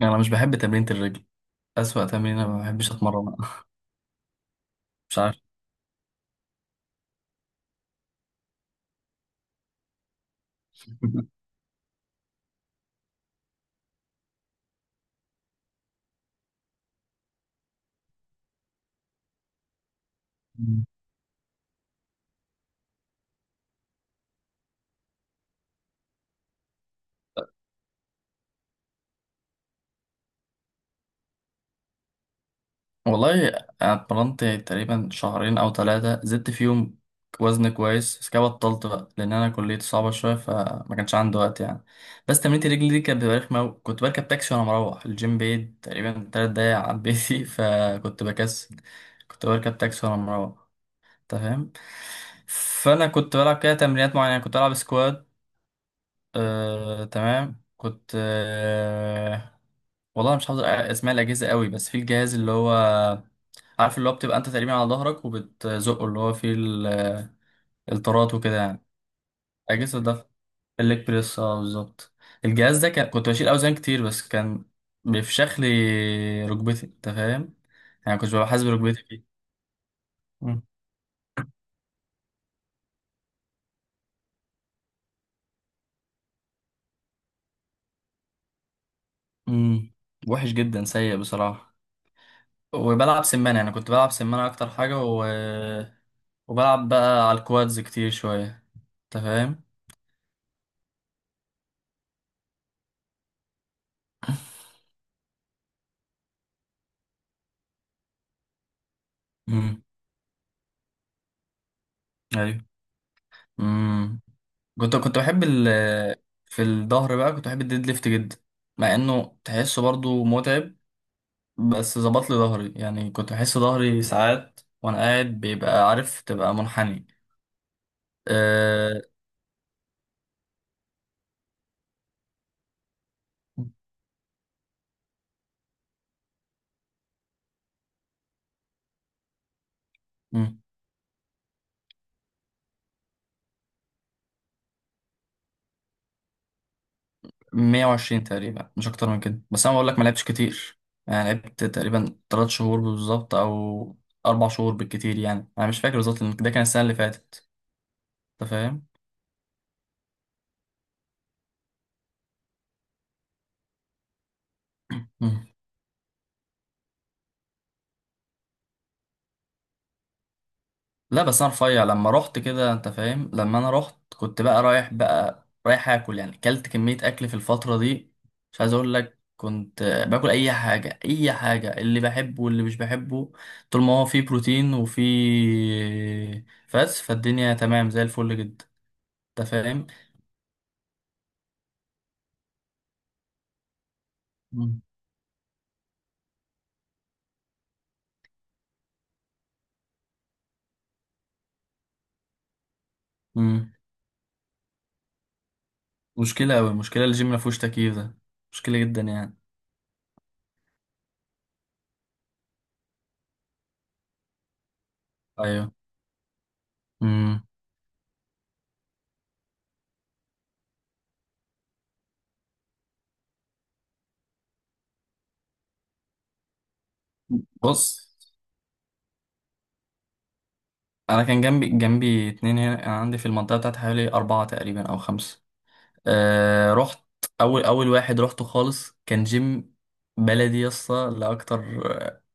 انا مش بحب تمرينة الرجل. اسوأ تمرينة ما بحبش اتمرنها. مش عارف. والله انا اتمرنت تقريبا شهرين او 3 زدت فيهم وزن كويس، بس كده بطلت بقى لان انا كليتي صعبة شوية فما كانش عندي وقت يعني. بس تمرينة الرجل دي كانت بتبقى رخمة أوي. كنت بركب تاكسي وانا مروح الجيم بعيد تقريبا تلات دقايق عن بيتي، فكنت بكسل. كنت بركب تاكسي وانا مروح، انت فاهم؟ فانا كنت بلعب كده تمرينات معينة، كنت بلعب سكوات. آه، تمام، كنت آه، والله مش حافظ اسماء الاجهزه قوي، بس في الجهاز اللي هو عارف، اللي هو بتبقى انت تقريبا على ظهرك وبتزقه، اللي هو فيه الطارات وكده يعني، اجهزه ده الليج بريس. اه بالظبط. الجهاز ده كنت بشيل اوزان كتير، بس كان بيفشخ لي ركبتي، انت فاهم؟ يعني كنت ببقى حاسس بركبتي فيه. مم. مم. وحش جدا، سيء بصراحه. وبلعب سمان، يعني كنت بلعب سمان اكتر حاجه، وبلعب بقى على الكوادز كتير شوية. انت فاهم؟ امم ايوه. امم كنت بحب في الظهر بقى كنت بحب الديد ليفت جدا، مع انه تحسه برضو متعب، بس ظبط لي ظهري. يعني كنت بحس ظهري ساعات وانا قاعد بيبقى عارف تبقى منحني. أه... مم. 120 تقريبا، مش اكتر من كده. بس انا بقول لك ما لعبتش كتير، يعني لعبت تقريبا 3 شهور بالظبط او اربع شهور بالكتير، يعني انا مش فاكر بالظبط لأن ده كان السنة اللي فاتت. انت فاهم؟ مم. لا بس انا رفيع لما رحت كده، انت فاهم؟ لما انا رحت كنت بقى رايح اكل، يعني اكلت كمية اكل في الفترة دي. مش عايز اقول لك كنت باكل اي حاجة اي حاجة، اللي بحبه واللي مش بحبه، طول ما هو فيه بروتين وفيه، فالدنيا تمام زي الفل جدا. انت فاهم؟ مم. مم. مشكلة اوي، مشكلة الجيم ما فيهوش تكييف ده مشكلة جدا يعني. ايوه. مم. بص، انا كان جنبي اتنين هنا، كان عندي في المنطقه بتاعتي حوالي اربعه تقريبا او خمسه. أه رحت. اول واحد رحته خالص كان جيم بلدي يسطا لاكتر،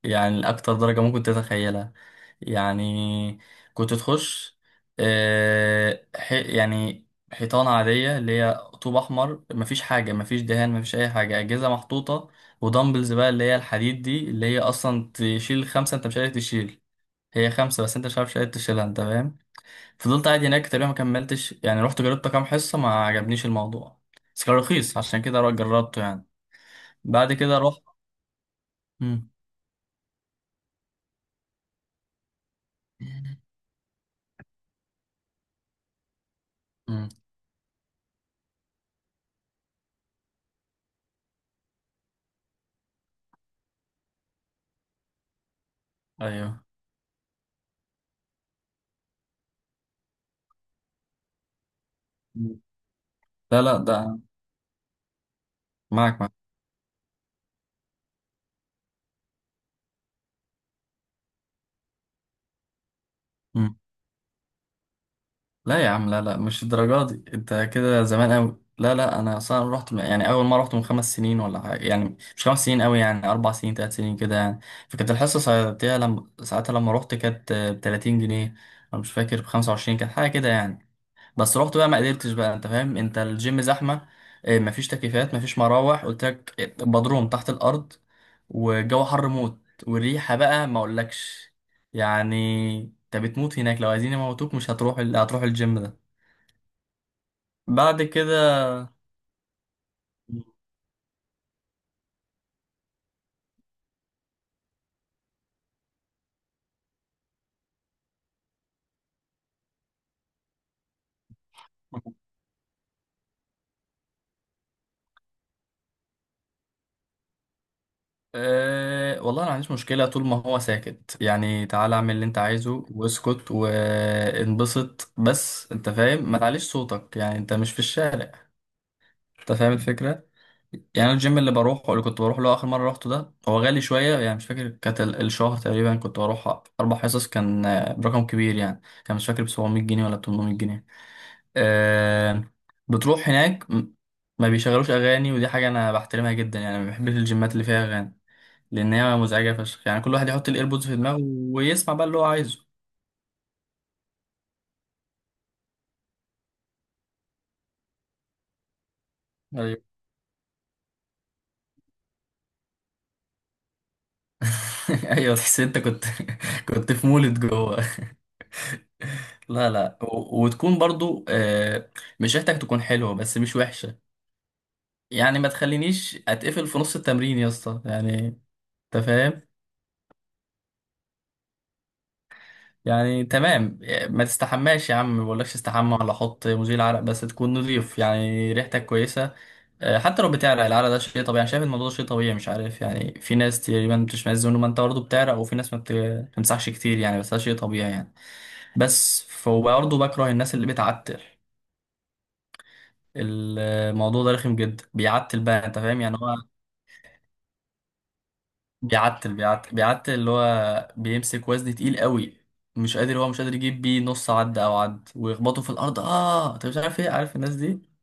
يعني لاكتر درجه ممكن تتخيلها. يعني كنت تخش، يعني حيطانه عاديه اللي هي طوب احمر، مفيش حاجه، مفيش دهان، مفيش اي حاجه، اجهزه محطوطه، ودمبلز بقى اللي هي الحديد دي اللي هي اصلا تشيل خمسه انت مش قادر تشيل. هي خمسة بس انت مش عارف تشيلها، انت فاهم؟ فضلت قاعد هناك تقريبا، ما كملتش يعني، رحت جربت كام حصة ما عجبنيش الموضوع، بس كان رخيص عشان كده جربته يعني. بعد كده رحت. مم. مم. ايوه. لا لا ده معاك معاك. مم. لا يا عم، لا لا مش الدرجة دي، انت كده زمان قوي. لا لا انا اصلا رحت يعني اول مرة رحت من 5 سنين ولا حاجة، يعني مش 5 سنين قوي، يعني 4 سنين 3 سنين كده يعني. فكانت الحصة ساعتها لما رحت كانت ب 30 جنيه. انا مش فاكر، ب 25 كانت حاجة كده يعني. بس رحت بقى ما قدرتش بقى، انت فاهم؟ انت الجيم زحمه، آه، مفيش تكييفات، مفيش مراوح، قلت لك بدروم تحت الارض، والجو حر موت، والريحه بقى ما اقولكش. يعني انت بتموت هناك، لو عايزين يموتوك مش هتروح هتروح الجيم ده. بعد كده، أه والله انا ما عنديش مشكله، طول ما هو ساكت يعني، تعالى اعمل اللي انت عايزه واسكت وانبسط، بس انت فاهم، ما تعليش صوتك، يعني انت مش في الشارع. انت فاهم الفكره؟ يعني أنا الجيم اللي بروحه، اللي كنت بروح له اخر مره روحته ده، هو غالي شويه يعني، مش فاكر كانت الشهر تقريبا كنت بروح 4 حصص، كان آه، برقم كبير يعني، كان مش فاكر، ب 700 جنيه ولا 800 جنيه. آه. بتروح هناك ما بيشغلوش اغاني، ودي حاجه انا بحترمها جدا يعني، ما بحبش الجيمات اللي فيها اغاني لان هي مزعجه فشخ يعني. كل واحد يحط الايربودز في دماغه ويسمع بقى اللي هو عايزه. ايوه. ايوه، تحس إن انت كنت، كنت في مولد جوه. لا لا وتكون برضو آه، مش ريحتك تكون حلوة بس مش وحشة. يعني ما تخلينيش اتقفل في نص التمرين يا اسطى يعني، انت فاهم؟ يعني تمام، ما تستحماش يا عم، ما بقولكش استحمى ولا حط مزيل عرق، بس تكون نظيف يعني ريحتك كويسة. آه، حتى لو بتعرق العرق ده شيء طبيعي. انا شايف الموضوع ده شيء طبيعي، مش عارف يعني، في ناس تقريبا بتشمئز منه، ما انت برضه بتعرق، وفي ناس ما بتمسحش كتير يعني، بس ده شيء طبيعي يعني. بس فبرضه بكره الناس اللي بتعتر، الموضوع ده رخم جدا. بيعتل بقى، انت فاهم يعني هو، بيعتل بيعتل اللي هو بيمسك وزن تقيل قوي مش قادر، هو مش قادر يجيب بيه نص عد او عد ويخبطه في الارض. اه انت مش عارف ايه، عارف الناس دي.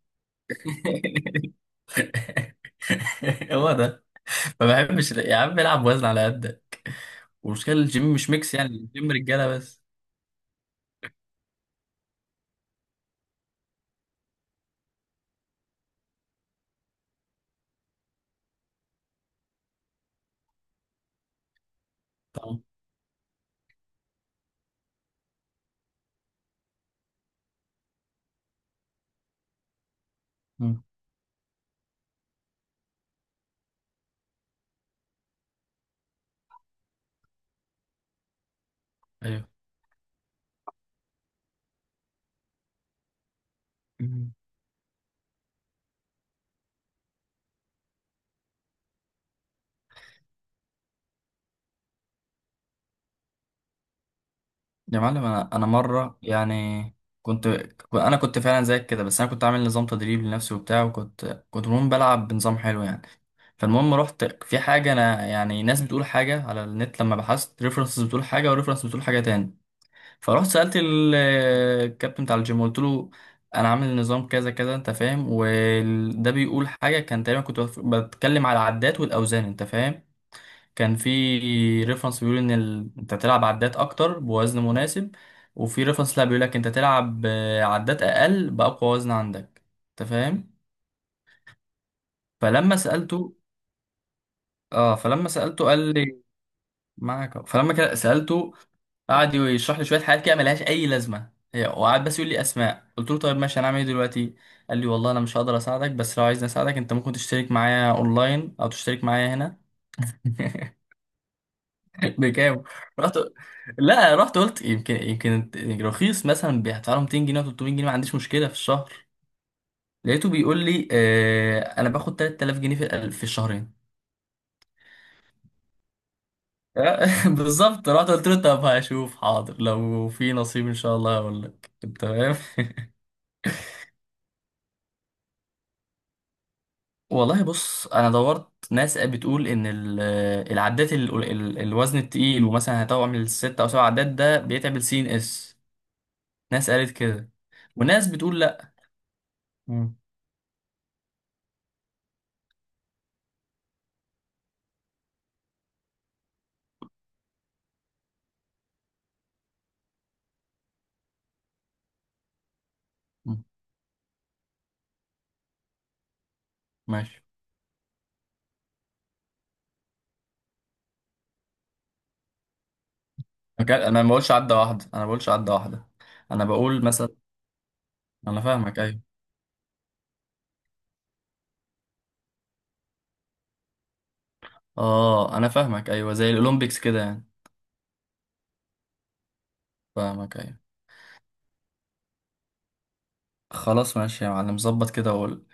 هو ده. ما بحبش يا عم العب وزن على قدك. والمشكله الجيم مش ميكس، يعني الجيم رجاله بس. طبعا. مم. ايوه. يا معلم، انا مره يعني كنت انا كنت فعلا زيك كده، بس انا كنت عامل نظام تدريب لنفسي وبتاع، وكنت المهم بلعب بنظام حلو يعني. فالمهم رحت في حاجه، انا يعني ناس بتقول حاجه على النت لما بحثت، ريفرنسز بتقول حاجه وريفرنس بتقول حاجه تاني. فرحت سالت الكابتن بتاع الجيم، قلت له انا عامل نظام كذا كذا، انت فاهم، وده بيقول حاجه، كان تقريبا كنت بتكلم على العدات والاوزان، انت فاهم؟ كان في ريفرنس بيقول ان انت تلعب عدات اكتر بوزن مناسب، وفي ريفرنس لا بيقول لك انت تلعب، آه، عدات اقل باقوى وزن عندك، انت فاهم؟ فلما سالته، اه فلما سالته قال لي معاك أهو. فلما كده سالته قعد يشرح لي شويه حاجات كده ملهاش اي لازمه هي، وقعد بس يقول لي اسماء. قلت له طيب ماشي، هنعمل ايه دلوقتي؟ قال لي والله انا مش هقدر اساعدك، بس لو عايزني اساعدك انت ممكن تشترك معايا اونلاين او تشترك معايا هنا. بكام؟ رحت، لا رحت قلت يمكن يمكن رخيص مثلا، هدفع له 200 جنيه أو 300 جنيه ما عنديش مشكله في الشهر. لقيته بيقول لي آه انا باخد 3000 جنيه في في الشهرين. بالظبط. رحت قلت له طب هشوف، حاضر لو في نصيب ان شاء الله هقول لك. تمام. والله بص، انا دورت ناس بتقول ان العداد، الوزن التقيل ومثلا هتعمل 6 او 7 عدات ده بيتعب السي ان اس. ناس قالت كده، وناس بتقول لا. مم. مم. ماشي. مكان انا ما بقولش عدى واحده، انا ما بقولش عدى واحده. انا بقول مثلا. انا فاهمك ايوه. اه انا فاهمك ايوه، زي الاولمبيكس كده يعني. فاهمك ايوه. خلاص ماشي يا معلم، ظبط كده، وقول.